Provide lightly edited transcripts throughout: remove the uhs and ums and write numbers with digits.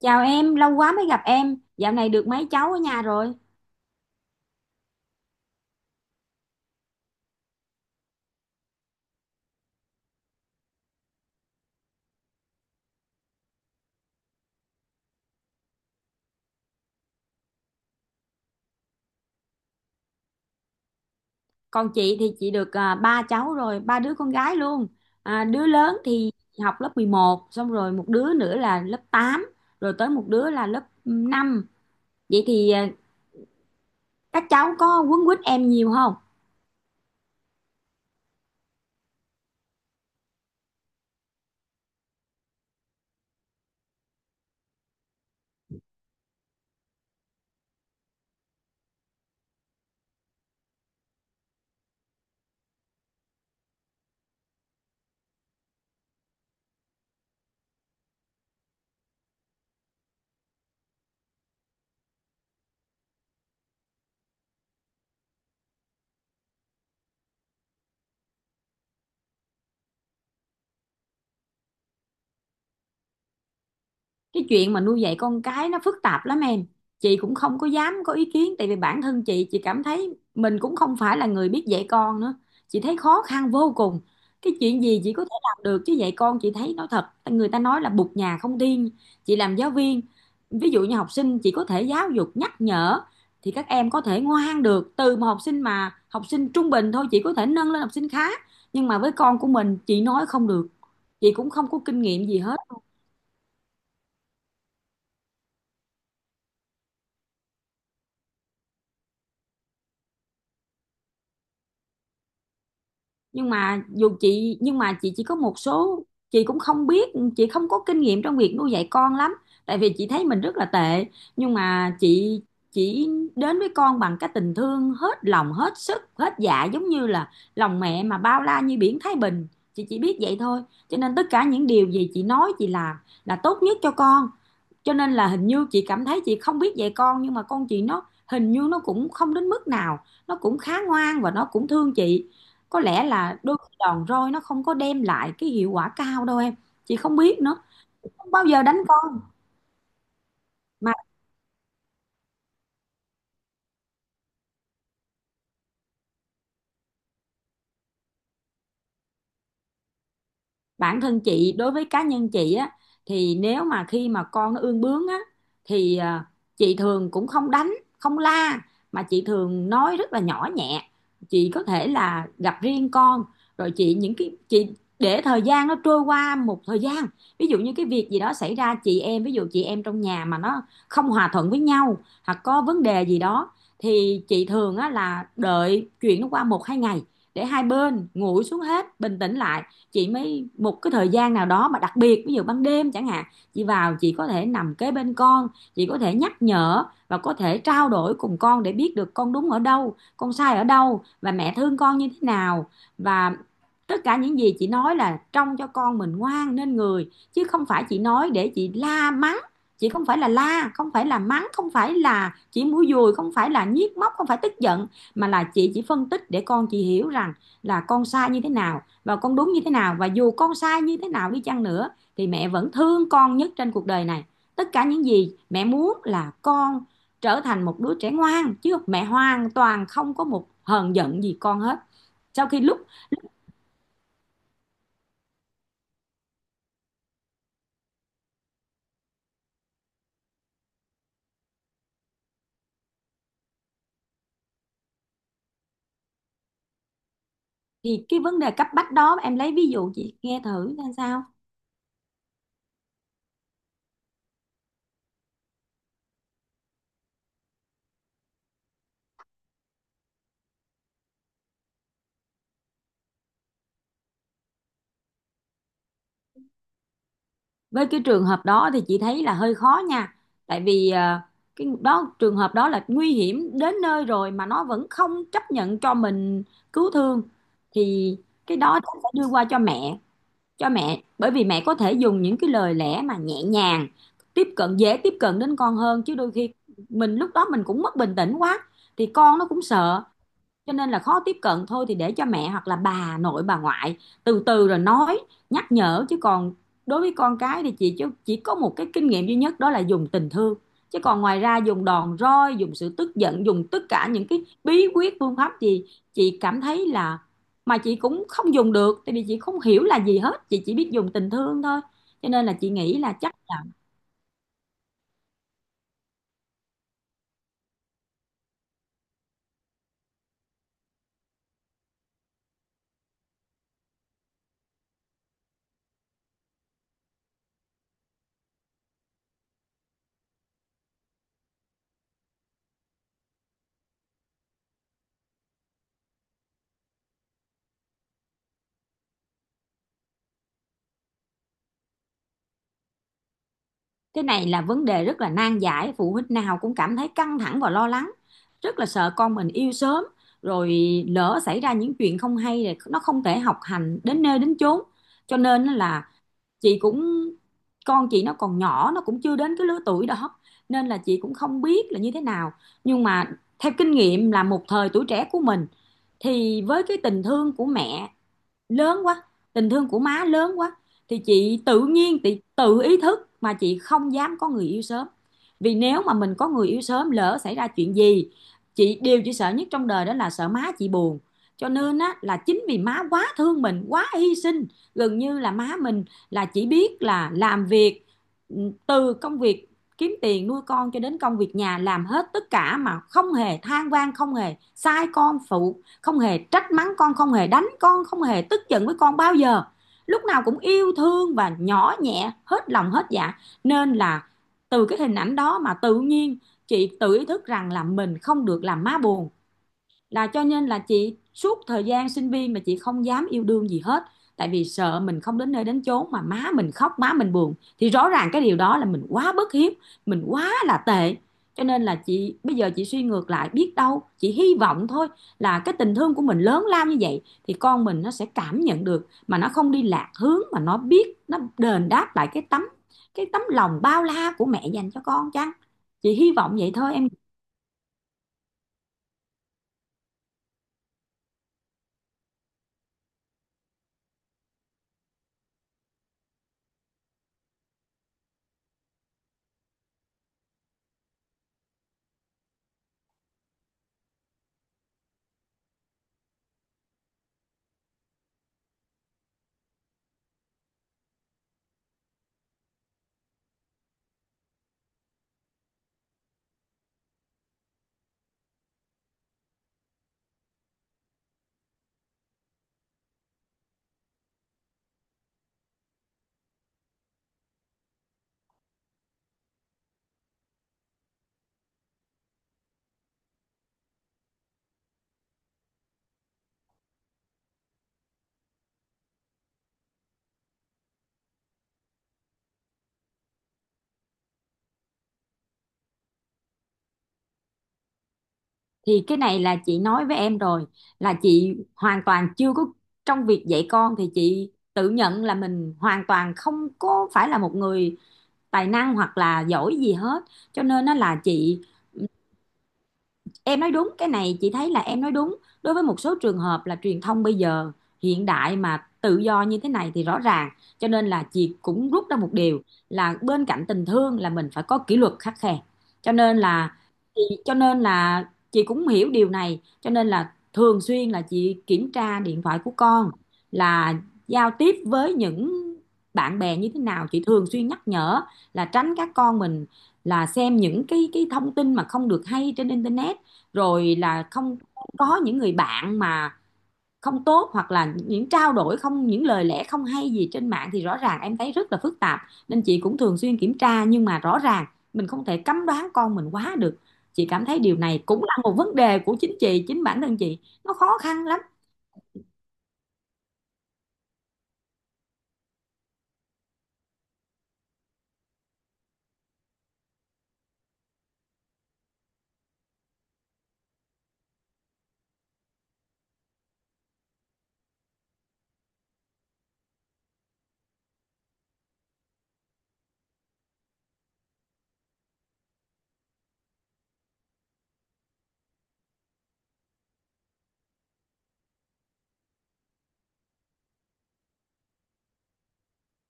Chào em, lâu quá mới gặp em. Dạo này được mấy cháu ở nhà rồi? Còn chị thì chị được ba cháu rồi, ba đứa con gái luôn. Đứa lớn thì học lớp 11, xong rồi một đứa nữa là lớp 8, rồi tới một đứa là lớp 5. Vậy thì các cháu có quấn quýt em nhiều không? Cái chuyện mà nuôi dạy con cái nó phức tạp lắm em. Chị cũng không có dám có ý kiến, tại vì bản thân chị cảm thấy mình cũng không phải là người biết dạy con nữa. Chị thấy khó khăn vô cùng. Cái chuyện gì chị có thể làm được chứ dạy con, chị thấy nói thật, người ta nói là bụt nhà không tiên. Chị làm giáo viên, ví dụ như học sinh chị có thể giáo dục nhắc nhở thì các em có thể ngoan được, từ một học sinh mà học sinh trung bình thôi chị có thể nâng lên học sinh khá, nhưng mà với con của mình chị nói không được. Chị cũng không có kinh nghiệm gì hết. Nhưng mà chị chỉ có một số, chị cũng không biết, chị không có kinh nghiệm trong việc nuôi dạy con lắm, tại vì chị thấy mình rất là tệ. Nhưng mà chị chỉ đến với con bằng cái tình thương hết lòng hết sức hết dạ, giống như là lòng mẹ mà bao la như biển Thái Bình. Chị chỉ biết vậy thôi, cho nên tất cả những điều gì chị nói chị làm là tốt nhất cho con. Cho nên là hình như chị cảm thấy chị không biết dạy con, nhưng mà con chị nó hình như nó cũng không đến mức nào, nó cũng khá ngoan và nó cũng thương chị. Có lẽ là đôi khi đòn roi nó không có đem lại cái hiệu quả cao đâu em, chị không biết nữa. Không bao giờ đánh con mà. Bản thân chị, đối với cá nhân chị á, thì nếu mà khi mà con nó ương bướng á thì chị thường cũng không đánh, không la, mà chị thường nói rất là nhỏ nhẹ. Chị có thể là gặp riêng con, rồi chị những cái chị để thời gian nó trôi qua một thời gian. Ví dụ như cái việc gì đó xảy ra, chị em trong nhà mà nó không hòa thuận với nhau, hoặc có vấn đề gì đó, thì chị thường á là đợi chuyện nó qua một hai ngày, để hai bên nguội xuống hết, bình tĩnh lại, chị mới một cái thời gian nào đó mà đặc biệt ví dụ ban đêm chẳng hạn, chị vào chị có thể nằm kế bên con, chị có thể nhắc nhở và có thể trao đổi cùng con để biết được con đúng ở đâu, con sai ở đâu, và mẹ thương con như thế nào. Và tất cả những gì chị nói là trong cho con mình ngoan nên người, chứ không phải chị nói để chị la mắng. Chị không phải là la, không phải là mắng, không phải là chỉ mũi dùi, không phải là nhiếc móc, không phải tức giận, mà là chị chỉ phân tích để con chị hiểu rằng là con sai như thế nào và con đúng như thế nào, và dù con sai như thế nào đi chăng nữa thì mẹ vẫn thương con nhất trên cuộc đời này. Tất cả những gì mẹ muốn là con trở thành một đứa trẻ ngoan, chứ mẹ hoàn toàn không có một hờn giận gì con hết. Sau khi lúc thì cái vấn đề cấp bách đó em lấy ví dụ chị nghe thử xem sao. Với cái trường hợp đó thì chị thấy là hơi khó nha, tại vì cái đó trường hợp đó là nguy hiểm đến nơi rồi mà nó vẫn không chấp nhận cho mình cứu thương, thì cái đó chắc phải đưa qua cho mẹ, bởi vì mẹ có thể dùng những cái lời lẽ mà nhẹ nhàng tiếp cận dễ tiếp cận đến con hơn, chứ đôi khi mình lúc đó mình cũng mất bình tĩnh quá thì con nó cũng sợ, cho nên là khó tiếp cận. Thôi thì để cho mẹ hoặc là bà nội bà ngoại từ từ rồi nói nhắc nhở. Chứ còn đối với con cái thì chị chỉ có một cái kinh nghiệm duy nhất, đó là dùng tình thương. Chứ còn ngoài ra dùng đòn roi, dùng sự tức giận, dùng tất cả những cái bí quyết phương pháp gì, chị cảm thấy là, mà chị cũng không dùng được tại vì chị không hiểu là gì hết, chị chỉ biết dùng tình thương thôi. Cho nên là chị nghĩ là chắc là cái này là vấn đề rất là nan giải, phụ huynh nào cũng cảm thấy căng thẳng và lo lắng, rất là sợ con mình yêu sớm, rồi lỡ xảy ra những chuyện không hay, rồi nó không thể học hành đến nơi đến chốn. Cho nên là chị cũng, con chị nó còn nhỏ, nó cũng chưa đến cái lứa tuổi đó, nên là chị cũng không biết là như thế nào. Nhưng mà theo kinh nghiệm là một thời tuổi trẻ của mình, thì với cái tình thương của mẹ lớn quá, tình thương của má lớn quá, thì chị tự nhiên chị tự ý thức mà chị không dám có người yêu sớm. Vì nếu mà mình có người yêu sớm lỡ xảy ra chuyện gì, chị điều chị sợ nhất trong đời đó là sợ má chị buồn. Cho nên á là chính vì má quá thương mình, quá hy sinh, gần như là má mình là chỉ biết là làm việc. Ừ, từ công việc kiếm tiền nuôi con cho đến công việc nhà, làm hết tất cả mà không hề than van, không hề sai con phụ, không hề trách mắng con, không hề đánh con, không hề tức giận với con bao giờ, lúc nào cũng yêu thương và nhỏ nhẹ hết lòng hết dạ. Nên là từ cái hình ảnh đó mà tự nhiên chị tự ý thức rằng là mình không được làm má buồn. Là cho nên là chị suốt thời gian sinh viên mà chị không dám yêu đương gì hết, tại vì sợ mình không đến nơi đến chốn mà má mình khóc, má mình buồn, thì rõ ràng cái điều đó là mình quá bất hiếu, mình quá là tệ. Cho nên là chị bây giờ chị suy ngược lại, biết đâu chị hy vọng thôi, là cái tình thương của mình lớn lao như vậy thì con mình nó sẽ cảm nhận được, mà nó không đi lạc hướng, mà nó biết nó đền đáp lại cái tấm lòng bao la của mẹ dành cho con chăng. Chị hy vọng vậy thôi em. Thì cái này là chị nói với em rồi, là chị hoàn toàn chưa có, trong việc dạy con thì chị tự nhận là mình hoàn toàn không có phải là một người tài năng hoặc là giỏi gì hết. Cho nên nó là chị, em nói đúng, cái này chị thấy là em nói đúng, đối với một số trường hợp là truyền thông bây giờ hiện đại mà tự do như thế này thì rõ ràng. Cho nên là chị cũng rút ra một điều là bên cạnh tình thương là mình phải có kỷ luật khắt khe. Cho nên là chị cho nên là chị cũng hiểu điều này, cho nên là thường xuyên là chị kiểm tra điện thoại của con, là giao tiếp với những bạn bè như thế nào. Chị thường xuyên nhắc nhở là tránh các con mình là xem những cái thông tin mà không được hay trên internet, rồi là không có những người bạn mà không tốt, hoặc là những trao đổi không, những lời lẽ không hay gì trên mạng, thì rõ ràng em thấy rất là phức tạp. Nên chị cũng thường xuyên kiểm tra, nhưng mà rõ ràng mình không thể cấm đoán con mình quá được. Chị cảm thấy điều này cũng là một vấn đề của chính chị, chính bản thân chị, nó khó khăn lắm.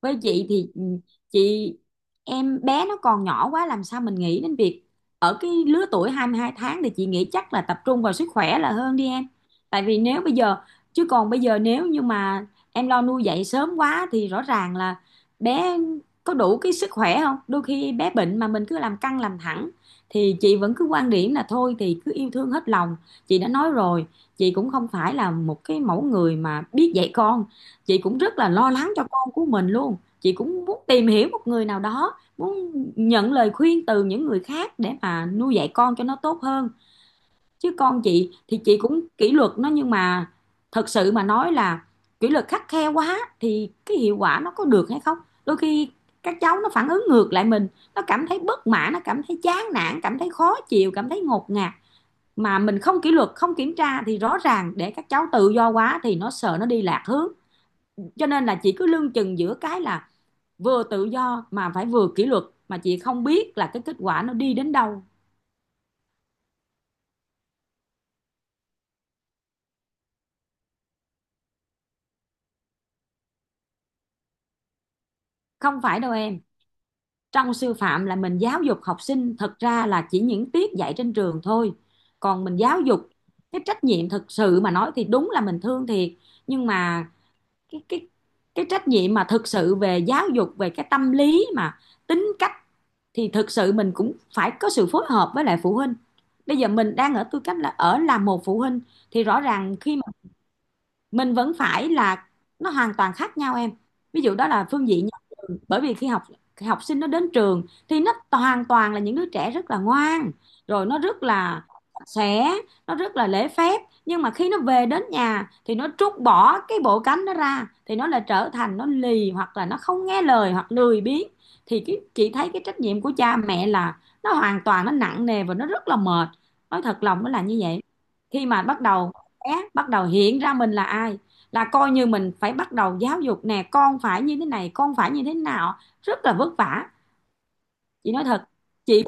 Với chị thì ừ, chị, em bé nó còn nhỏ quá làm sao mình nghĩ đến việc, ở cái lứa tuổi 22 tháng thì chị nghĩ chắc là tập trung vào sức khỏe là hơn đi em. Tại vì nếu bây giờ, chứ còn bây giờ nếu như mà em lo nuôi dạy sớm quá thì rõ ràng là bé có đủ cái sức khỏe không, đôi khi bé bệnh mà mình cứ làm căng làm thẳng, thì chị vẫn cứ quan điểm là thôi thì cứ Yêu thương hết lòng. Chị đã nói rồi, chị cũng không phải là một cái mẫu người mà biết dạy con. Chị cũng rất là lo lắng cho con của mình luôn, chị cũng muốn tìm hiểu một người nào đó, muốn nhận lời khuyên từ những người khác để mà nuôi dạy con cho nó tốt hơn. Chứ con chị thì chị cũng kỷ luật nó, nhưng mà thật sự mà nói là kỷ luật khắt khe quá thì cái hiệu quả nó có được hay không. Đôi khi các cháu nó phản ứng ngược lại mình, nó cảm thấy bất mãn, nó cảm thấy chán nản, cảm thấy khó chịu, cảm thấy ngột ngạt. Mà mình không kỷ luật, không kiểm tra thì rõ ràng để các cháu tự do quá thì nó sợ nó đi lạc hướng. Cho nên là chị cứ lưng chừng giữa cái là vừa tự do mà phải vừa kỷ luật, mà chị không biết là cái kết quả nó đi đến đâu. Không phải đâu em, trong sư phạm là mình giáo dục học sinh, thật ra là chỉ những tiết dạy trên trường thôi. Còn mình giáo dục cái trách nhiệm thực sự mà nói thì đúng là mình thương thiệt, nhưng mà cái cái cái trách nhiệm mà thực sự về giáo dục, về cái tâm lý mà tính cách thì thực sự mình cũng phải có sự phối hợp với lại phụ huynh. Bây giờ mình đang ở tư cách là ở làm một phụ huynh thì rõ ràng khi mình vẫn phải là, nó hoàn toàn khác nhau em. Ví dụ đó là phương diện nhà trường, bởi vì khi học, học sinh nó đến trường thì nó hoàn toàn là những đứa trẻ rất là ngoan, rồi nó rất là sạch sẽ, nó rất là lễ phép. Nhưng mà khi nó về đến nhà thì nó trút bỏ cái bộ cánh nó ra thì nó lại trở thành nó lì, hoặc là nó không nghe lời, hoặc lười biếng. Thì cái, chị thấy cái trách nhiệm của cha mẹ là nó hoàn toàn nó nặng nề và nó rất là mệt, nói thật lòng nó là như vậy. Khi mà bắt đầu bé bắt đầu hiện ra mình là ai là coi như mình phải bắt đầu giáo dục, nè con phải như thế này, con phải như thế nào. Rất là vất vả, chị nói thật. chị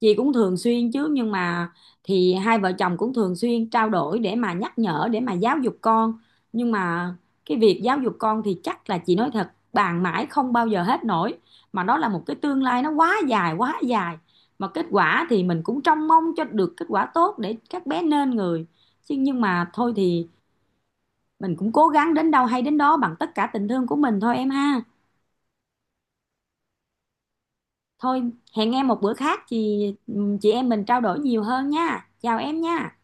chị cũng thường xuyên chứ, nhưng mà thì hai vợ chồng cũng thường xuyên trao đổi để mà nhắc nhở, để mà giáo dục con. Nhưng mà cái việc giáo dục con thì chắc là chị nói thật, bàn mãi không bao giờ hết nổi, mà nó là một cái tương lai nó quá dài quá dài. Mà kết quả thì mình cũng trông mong cho được kết quả tốt để các bé nên người. Chứ nhưng mà thôi thì mình cũng cố gắng đến đâu hay đến đó, bằng tất cả tình thương của mình thôi em ha. Thôi, hẹn em một bữa khác. Chị em mình trao đổi nhiều hơn nha, chào em nha.